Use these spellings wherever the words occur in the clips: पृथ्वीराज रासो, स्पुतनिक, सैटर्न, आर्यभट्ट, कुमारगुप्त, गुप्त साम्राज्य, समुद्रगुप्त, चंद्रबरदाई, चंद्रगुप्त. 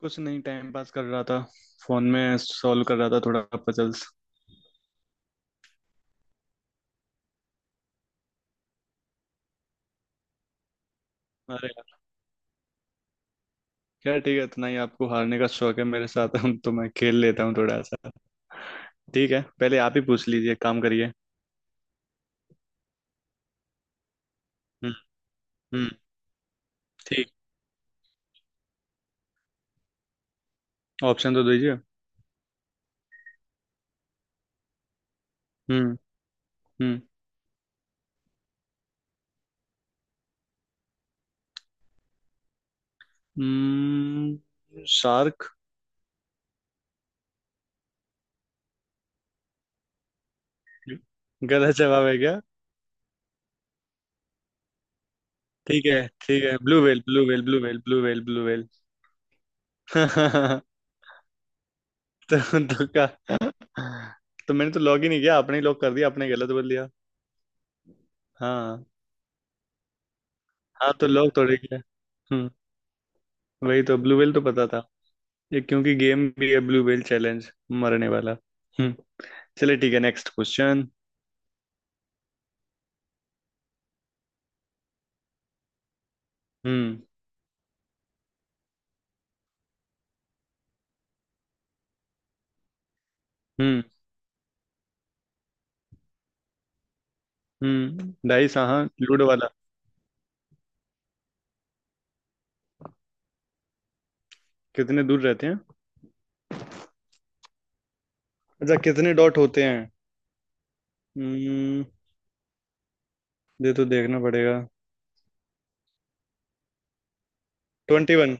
कुछ नहीं, time pass कर रहा था। फोन में सॉल्व कर रहा था, थोड़ा पजल्स। अरे यार, क्या ठीक है, इतना ही आपको हारने का शौक है मेरे साथ। हम तो, मैं खेल लेता हूँ थोड़ा सा। ठीक है, पहले आप ही पूछ लीजिए, एक काम करिए। हम्म। हम्म। ठीक। ऑप्शन तो दीजिए। हम्म। हम्म। शार्क। गलत जवाब है क्या? ठीक है ठीक है, blue whale blue whale blue whale blue whale blue whale. तो, तो का तो मैंने तो लॉग ही नहीं किया, आपने ही लॉक कर दिया, आपने गलत बोल दिया। हाँ हाँ तो लोग थोड़े क्या। हम्म। वही तो, ब्लू व्हेल तो पता था। ये क्योंकि गेम भी है ब्लू व्हेल चैलेंज, मरने वाला। हम्म। चलिए ठीक है, नेक्स्ट क्वेश्चन। हम्म। हम्म। डाइस, हाँ हाँ, लूडो वाला। कितने दूर रहते हैं? अच्छा, कितने डॉट होते हैं? हम्म, ये तो देखना पड़ेगा। 21।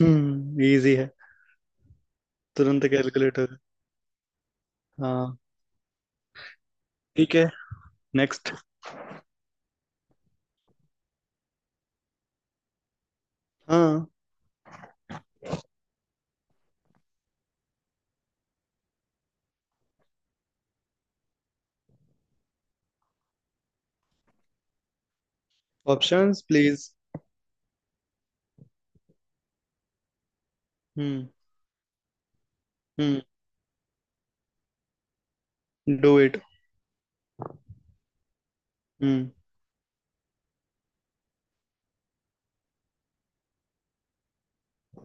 हम्म, इजी है। तुरंत कैलकुलेट हो गया। हाँ, ठीक है, नेक्स्ट। हाँ। Options please. हम्म। हम्म। Do it. हम्म।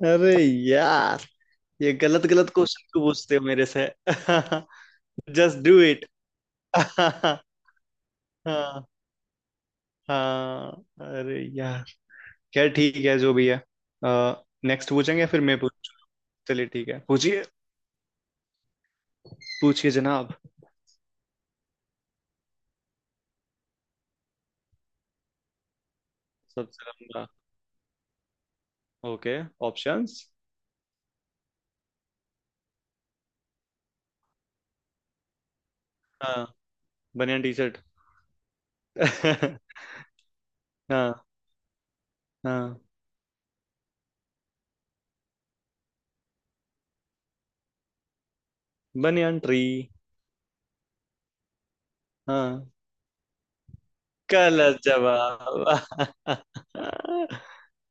अरे यार, ये गलत गलत क्वेश्चन क्यों पूछते हो मेरे से? Just do it. हाँ। हाँ। अरे यार, खैर ठीक है, जो भी है। नेक्स्ट पूछेंगे फिर मैं पूछूं। चलिए ठीक है, पूछिए। पूछिए जनाब। सबसे लंबा। ओके। ऑप्शंस। हाँ। बनियान टी शर्ट। हाँ। हाँ। Banyan tree. हाँ। गलत जवाब।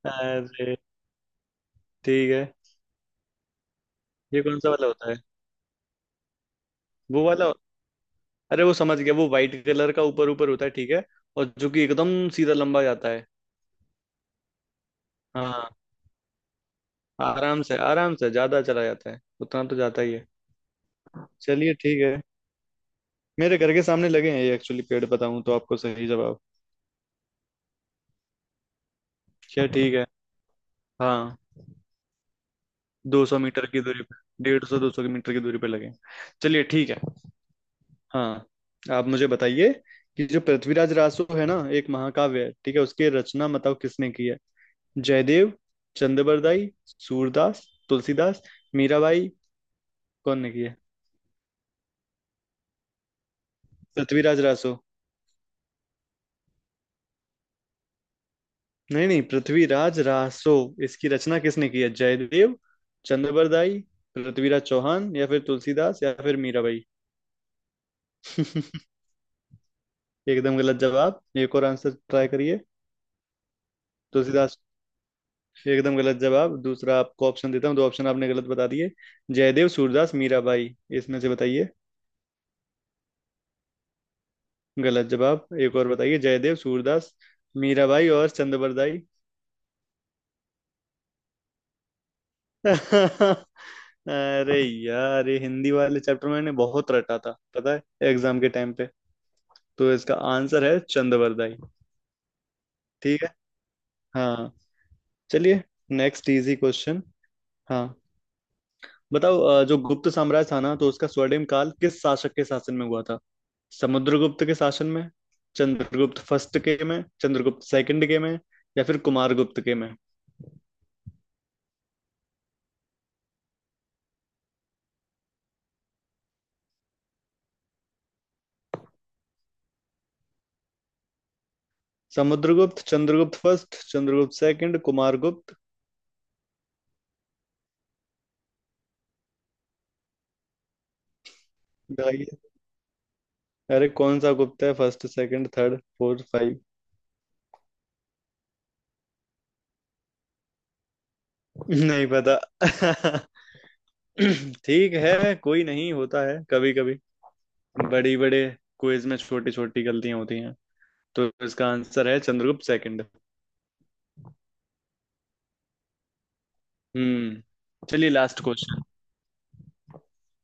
अरे, ठीक है। ये कौन सा वाला होता है? वो वाला। अरे, वो समझ गया, वो वाइट कलर का, ऊपर ऊपर होता है, ठीक है। और जो कि एकदम सीधा लंबा जाता है। हाँ, आराम से, आराम से ज्यादा चला जाता है, उतना तो जाता ही है। चलिए ठीक है। मेरे घर के सामने लगे हैं ये एक्चुअली पेड़, बताऊं तो आपको सही जवाब। क्या, ठीक है। हाँ, 200 मीटर की दूरी पे, 150 200 मीटर की दूरी पे लगे हैं। चलिए ठीक है। हाँ। आप मुझे बताइए, कि जो पृथ्वीराज रासो है ना, एक महाकाव्य है, ठीक है, उसकी रचना बताओ किसने की है। जयदेव, चंद्रबरदाई, सूरदास, तुलसीदास, मीराबाई। कौन ने की है पृथ्वीराज रासो? नहीं नहीं, पृथ्वीराज रासो, इसकी रचना किसने की है? जयदेव, चंद्रबरदाई, पृथ्वीराज चौहान, या फिर तुलसीदास, या फिर मीराबाई। एकदम गलत जवाब, एक और आंसर ट्राई करिए। तुलसीदास? एकदम गलत जवाब। दूसरा आपको ऑप्शन देता हूँ, दो ऑप्शन आपने गलत बता दिए। जयदेव, सूरदास, मीराबाई, इसमें से बताइए। गलत जवाब, एक और बताइए। जयदेव, सूरदास, मीराबाई और चंद्रबरदाई। अरे यार, ये हिंदी वाले चैप्टर मैंने बहुत रटा था पता है, एग्जाम के टाइम पे। तो इसका आंसर है चंद्रवरदाई। ठीक है। हाँ, चलिए, नेक्स्ट इजी क्वेश्चन। हाँ, बताओ, जो गुप्त साम्राज्य था ना, तो उसका स्वर्णिम काल किस शासक के शासन में हुआ था? समुद्रगुप्त के शासन में, चंद्रगुप्त फर्स्ट के में, चंद्रगुप्त सेकंड के में, या फिर कुमारगुप्त के में। समुद्रगुप्त, चंद्रगुप्त first, चंद्रगुप्त second, कुमारगुप्त। अरे कौन सा गुप्ता है, first, second, third, fourth, five? नहीं पता। ठीक है, कोई नहीं, होता है कभी कभी, बड़ी बड़े क्विज में छोटी छोटी गलतियां होती हैं। तो इसका आंसर है चंद्रगुप्त सेकंड। हम्म, चलिए, लास्ट क्वेश्चन।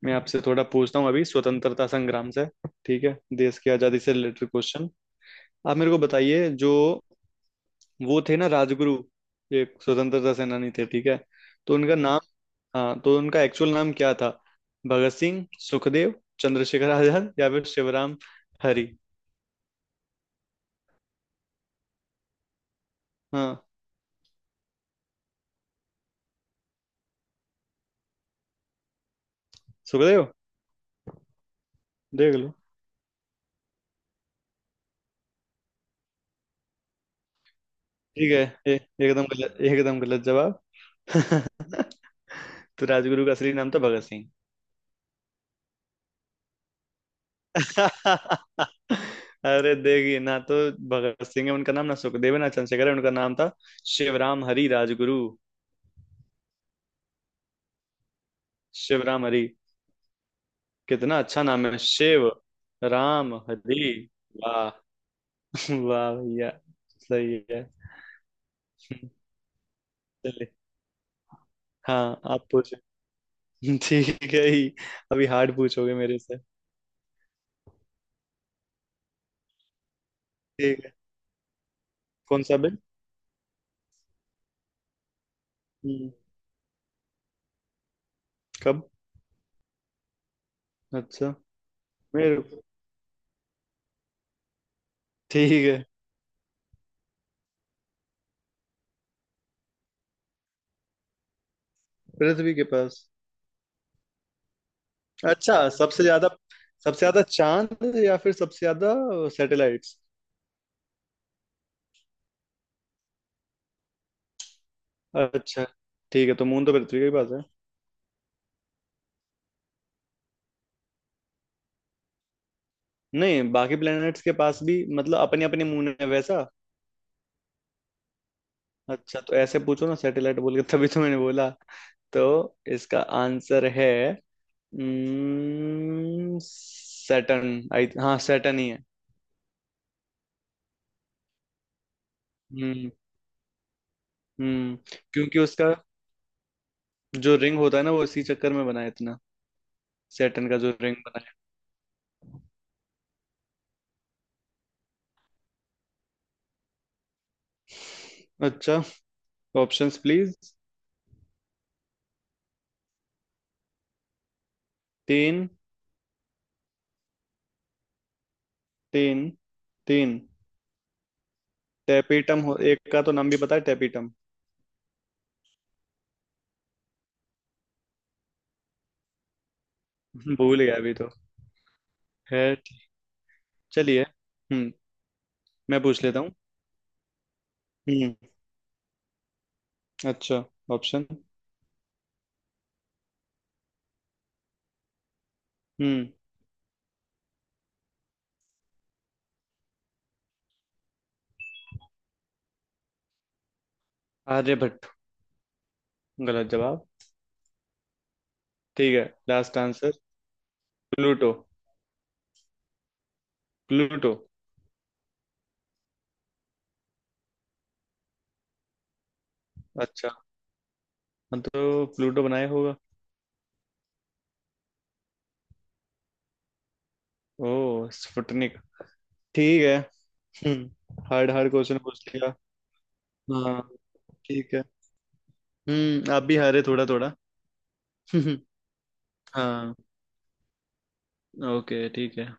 मैं आपसे थोड़ा पूछता हूँ अभी स्वतंत्रता संग्राम से, ठीक है, देश की आजादी से रिलेटेड क्वेश्चन। आप मेरे को बताइए जो, वो थे ना राजगुरु, एक स्वतंत्रता सेनानी थे, ठीक है, तो उनका नाम, हाँ, तो उनका एक्चुअल नाम क्या था? भगत सिंह, सुखदेव, चंद्रशेखर आजाद, या फिर शिवराम हरी। हाँ, सुखदेव? देख लो। ठीक है। ए, एकदम गलत, एकदम गलत जवाब। तो राजगुरु का असली नाम था भगत सिंह। अरे देखिए ना, तो भगत सिंह है उनका नाम, ना सुखदेव है, ना चंद्रशेखर है, उनका नाम था शिवराम हरी राजगुरु। शिवराम हरी। कितना अच्छा नाम है, शिव राम हरी। वाह। वाह भैया, सही है। चलिए। हाँ आप पूछो। ठीक है ही। अभी हार्ड पूछोगे मेरे से? ठीक है। कौन सा बिल? हम्म। कब? अच्छा। मेरे को- ठीक है, पृथ्वी के पास। अच्छा, सबसे ज्यादा? सबसे ज्यादा चांद, या फिर सबसे ज्यादा सैटेलाइट्स? अच्छा। ठीक है, तो मून तो पृथ्वी के ही पास है। नहीं, बाकी प्लैनेट्स के पास भी, मतलब, अपने अपने मून है वैसा। अच्छा, तो ऐसे पूछो ना, सैटेलाइट बोल के, तभी तो मैंने बोला। तो इसका आंसर है, हम्म, सैटर्न, आई हाँ, सैटर्न ही है। हम्म। हम्म, क्योंकि उसका जो रिंग होता है ना, वो इसी चक्कर में बना है इतना, सैटर्न का जो रिंग बना है। अच्छा। Options please. तीन। तीन। तीन। टेपिटम हो, एक का तो नाम भी पता है, टेपिटम। भूल गया अभी तो। है। चलिए। हम्म। मैं पूछ लेता हूँ। हम्म। अच्छा। ऑप्शन। हम्म। आर्यभट्ट। गलत जवाब? ठीक है, लास्ट आंसर। प्लूटो। प्लूटो। हाँ तो प्लूटो बनाया होगा। ओ, स्पुतनिक। ठीक है। हम्म, हार्ड हार्ड क्वेश्चन पूछ लिया। हाँ, ठीक है। हम्म, आप भी हारे थोड़ा थोड़ा। हाँ। ओके ठीक है।